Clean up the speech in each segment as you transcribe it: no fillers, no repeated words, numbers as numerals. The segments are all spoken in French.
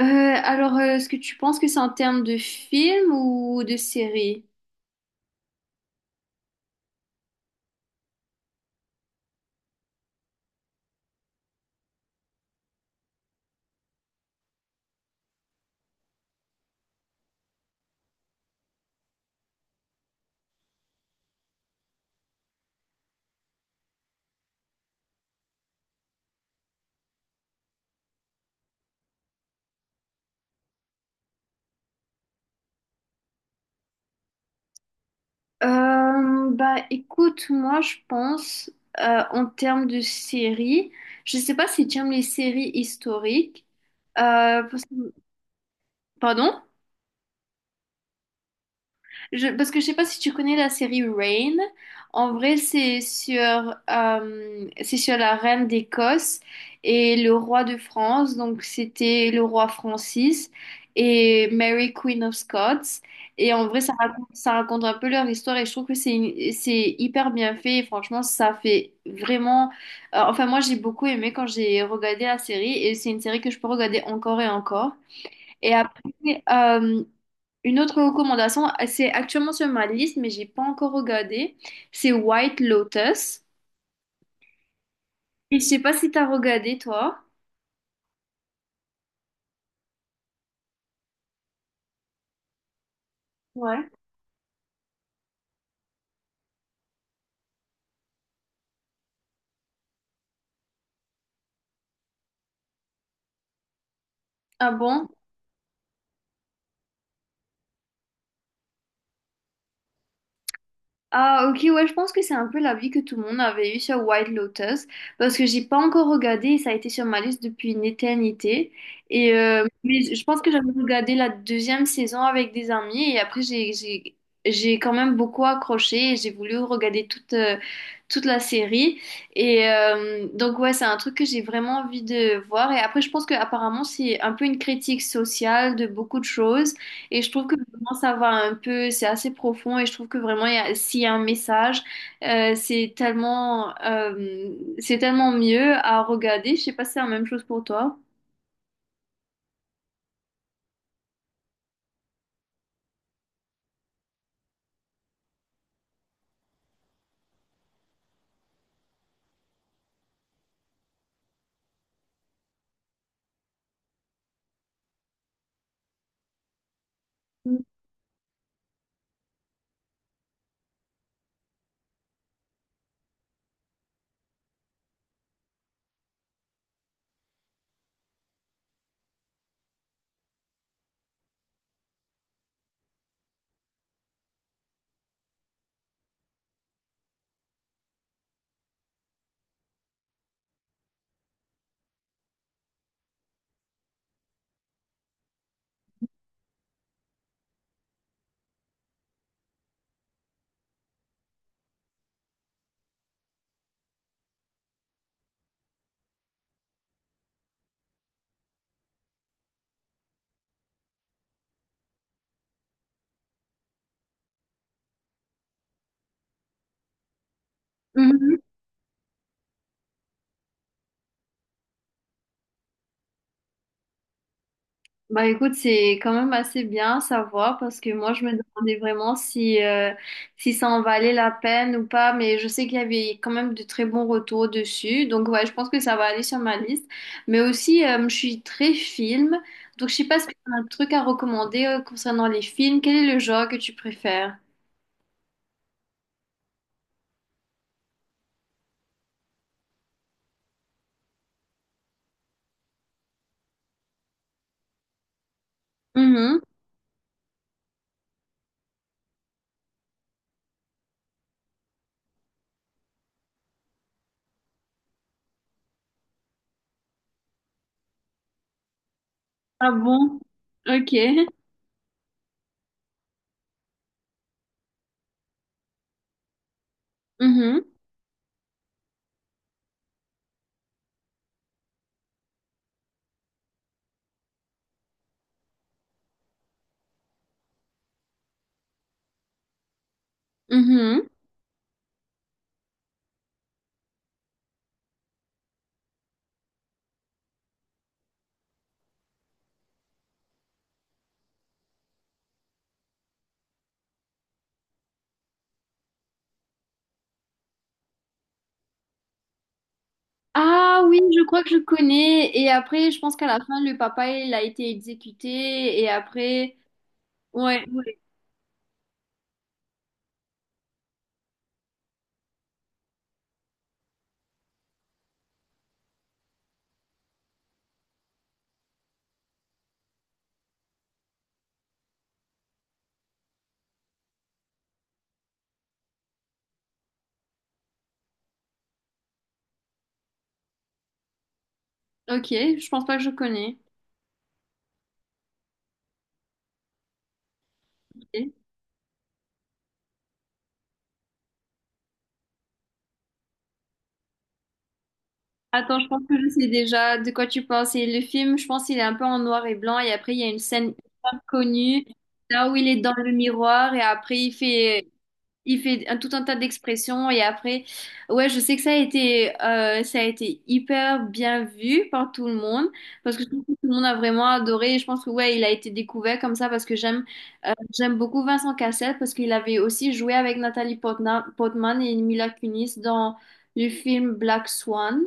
Est-ce que tu penses que c'est en termes de film ou de série? Bah écoute, moi je pense en termes de série. Je sais pas si tu aimes les séries historiques. Euh, parce que- Pardon? Parce que je sais pas si tu connais la série Rain. En vrai, c'est sur la reine d'Écosse et le roi de France. Donc, c'était le roi Francis et Mary Queen of Scots. Et en vrai, ça raconte un peu leur histoire et je trouve que c'est hyper bien fait. Et franchement, ça fait vraiment. Enfin, moi, j'ai beaucoup aimé quand j'ai regardé la série et c'est une série que je peux regarder encore et encore. Et après, euh, une autre recommandation, c'est actuellement sur ma liste, mais j'ai pas encore regardé, c'est White Lotus. Et je sais pas si t'as regardé, toi. Ouais. Ah bon? Ah ok, ouais, je pense que c'est un peu l'avis que tout le monde avait eu sur White Lotus parce que j'ai pas encore regardé et ça a été sur ma liste depuis une éternité et mais je pense que j'avais regardé la deuxième saison avec des amis et après j'ai j'ai quand même beaucoup accroché et j'ai voulu regarder toute toute la série et donc ouais c'est un truc que j'ai vraiment envie de voir et après je pense que apparemment c'est un peu une critique sociale de beaucoup de choses et je trouve que vraiment ça va un peu, c'est assez profond et je trouve que vraiment s'il y a un message, euh, c'est tellement, euh, c'est tellement mieux à regarder. Je sais pas si c'est la même chose pour toi. Mhm. Bah écoute, c'est quand même assez bien à savoir parce que moi je me demandais vraiment si, si ça en valait la peine ou pas, mais je sais qu'il y avait quand même de très bons retours dessus, donc ouais, je pense que ça va aller sur ma liste. Mais aussi, je suis très film, donc je sais pas si tu as un truc à recommander concernant les films, quel est le genre que tu préfères? Mhm. Ah bon? Ok. Mhm. Mhm. Ah oui, je crois que je connais. Et après, je pense qu'à la fin, le papa, il a été exécuté. Et après, ouais, ouais. Ok, je pense pas que je connais. Ok. Attends, je pense que je sais déjà de quoi tu penses. Et le film, je pense qu'il est un peu en noir et blanc. Et après, il y a une scène hyper connue, là où il est dans le miroir. Et après, il fait un, tout un tas d'expressions. Et après, ouais, je sais que ça a été hyper bien vu par tout le monde. Parce que je trouve que tout le monde a vraiment adoré. Et je pense que, ouais, il a été découvert comme ça parce que j'aime. J'aime beaucoup Vincent Cassel parce qu'il avait aussi joué avec Portman et Mila Kunis dans le film Black Swan.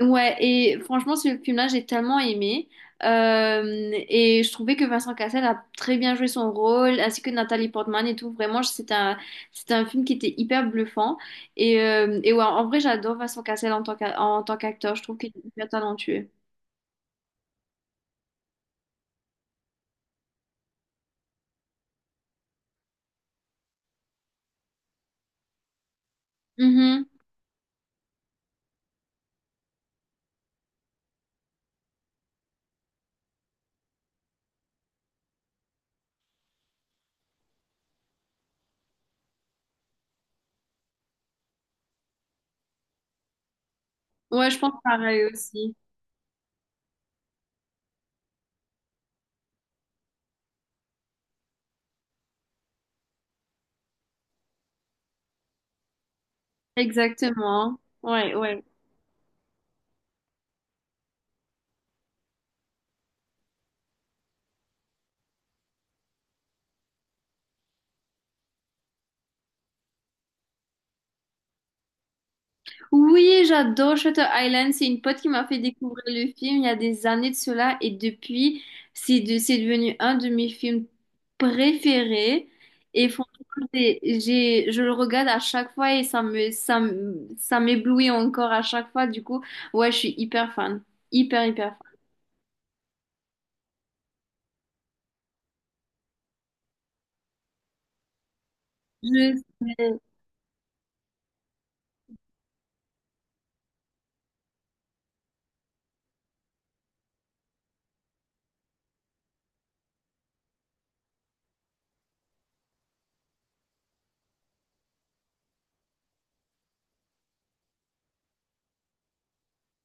Ouais, et franchement, ce film-là, j'ai tellement aimé. Euh, et je trouvais que Vincent Cassel a très bien joué son rôle, ainsi que Nathalie Portman et tout. Vraiment, c'est un film qui était hyper bluffant. Et ouais, en vrai, j'adore Vincent Cassel en tant qu'acteur. Je trouve qu'il est hyper talentueux. Mhm. Ouais, je pense pareil aussi. Exactement. Ouais, ouais. Oui, j'adore Shutter Island. C'est une pote qui m'a fait découvrir le film il y a des années de cela et depuis, c'est devenu un de mes films préférés. Et franchement, je le regarde à chaque fois et ça m'éblouit encore à chaque fois. Du coup, ouais, je suis hyper fan. Hyper, hyper fan. Je sais.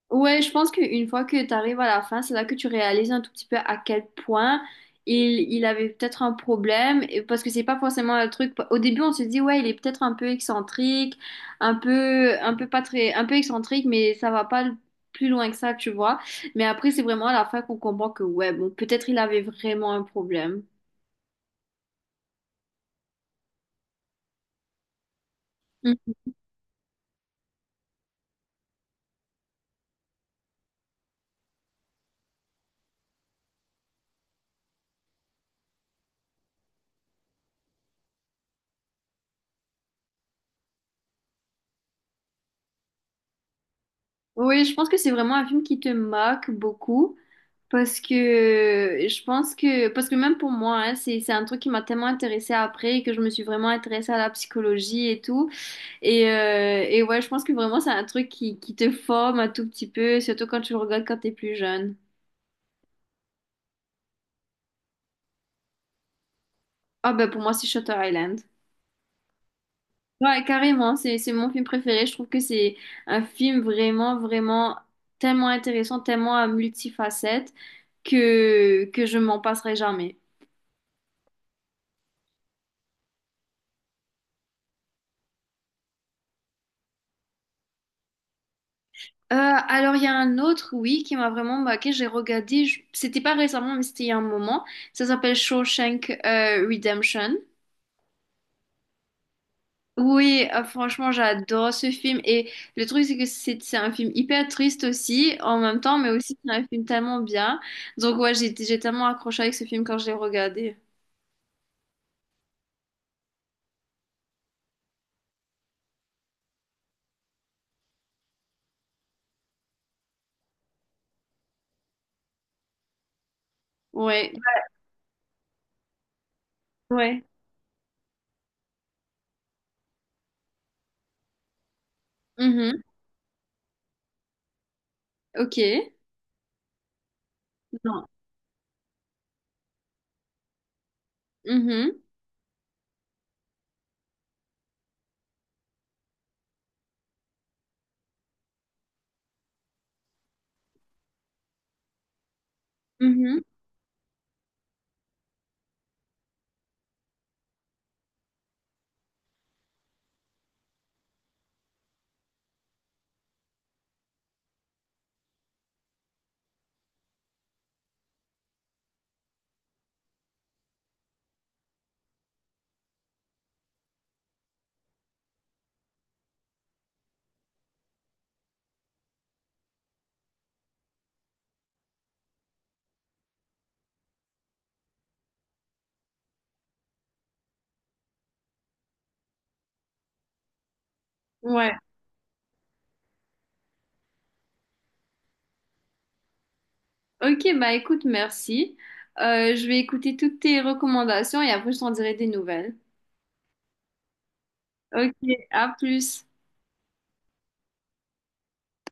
Ouais, je pense qu'une fois que tu arrives à la fin, c'est là que tu réalises un tout petit peu à quel point il avait peut-être un problème, parce que c'est pas forcément un truc. Au début, on se dit, ouais, il est peut-être un peu excentrique, un peu pas très, un peu excentrique, mais ça va pas plus loin que ça, tu vois. Mais après, c'est vraiment à la fin qu'on comprend que, ouais, bon, peut-être il avait vraiment un problème. Mm. Oui, je pense que c'est vraiment un film qui te marque beaucoup. Parce que je pense que, parce que même pour moi, hein, c'est un truc qui m'a tellement intéressée après que je me suis vraiment intéressée à la psychologie et tout. Et ouais, je pense que vraiment c'est un truc qui te forme un tout petit peu, surtout quand tu le regardes quand t'es plus jeune. Ah ben pour moi c'est Shutter Island. Ouais, carrément, c'est mon film préféré. Je trouve que c'est un film vraiment, vraiment tellement intéressant, tellement à multifacettes que je m'en passerai jamais. Il y a un autre, oui, qui m'a vraiment marqué. J'ai regardé, c'était pas récemment, mais c'était il y a un moment. Ça s'appelle Shawshank Redemption. Oui, franchement, j'adore ce film. Et le truc, c'est que c'est un film hyper triste aussi, en même temps, mais aussi c'est un film tellement bien. Donc, ouais, j'ai tellement accroché avec ce film quand je l'ai regardé. Ouais, ouais. Mhm. Ok. Non. Mhm. Mhm. Ouais. Ok, bah écoute, merci. Je vais écouter toutes tes recommandations et après je t'en dirai des nouvelles. Ok, à plus.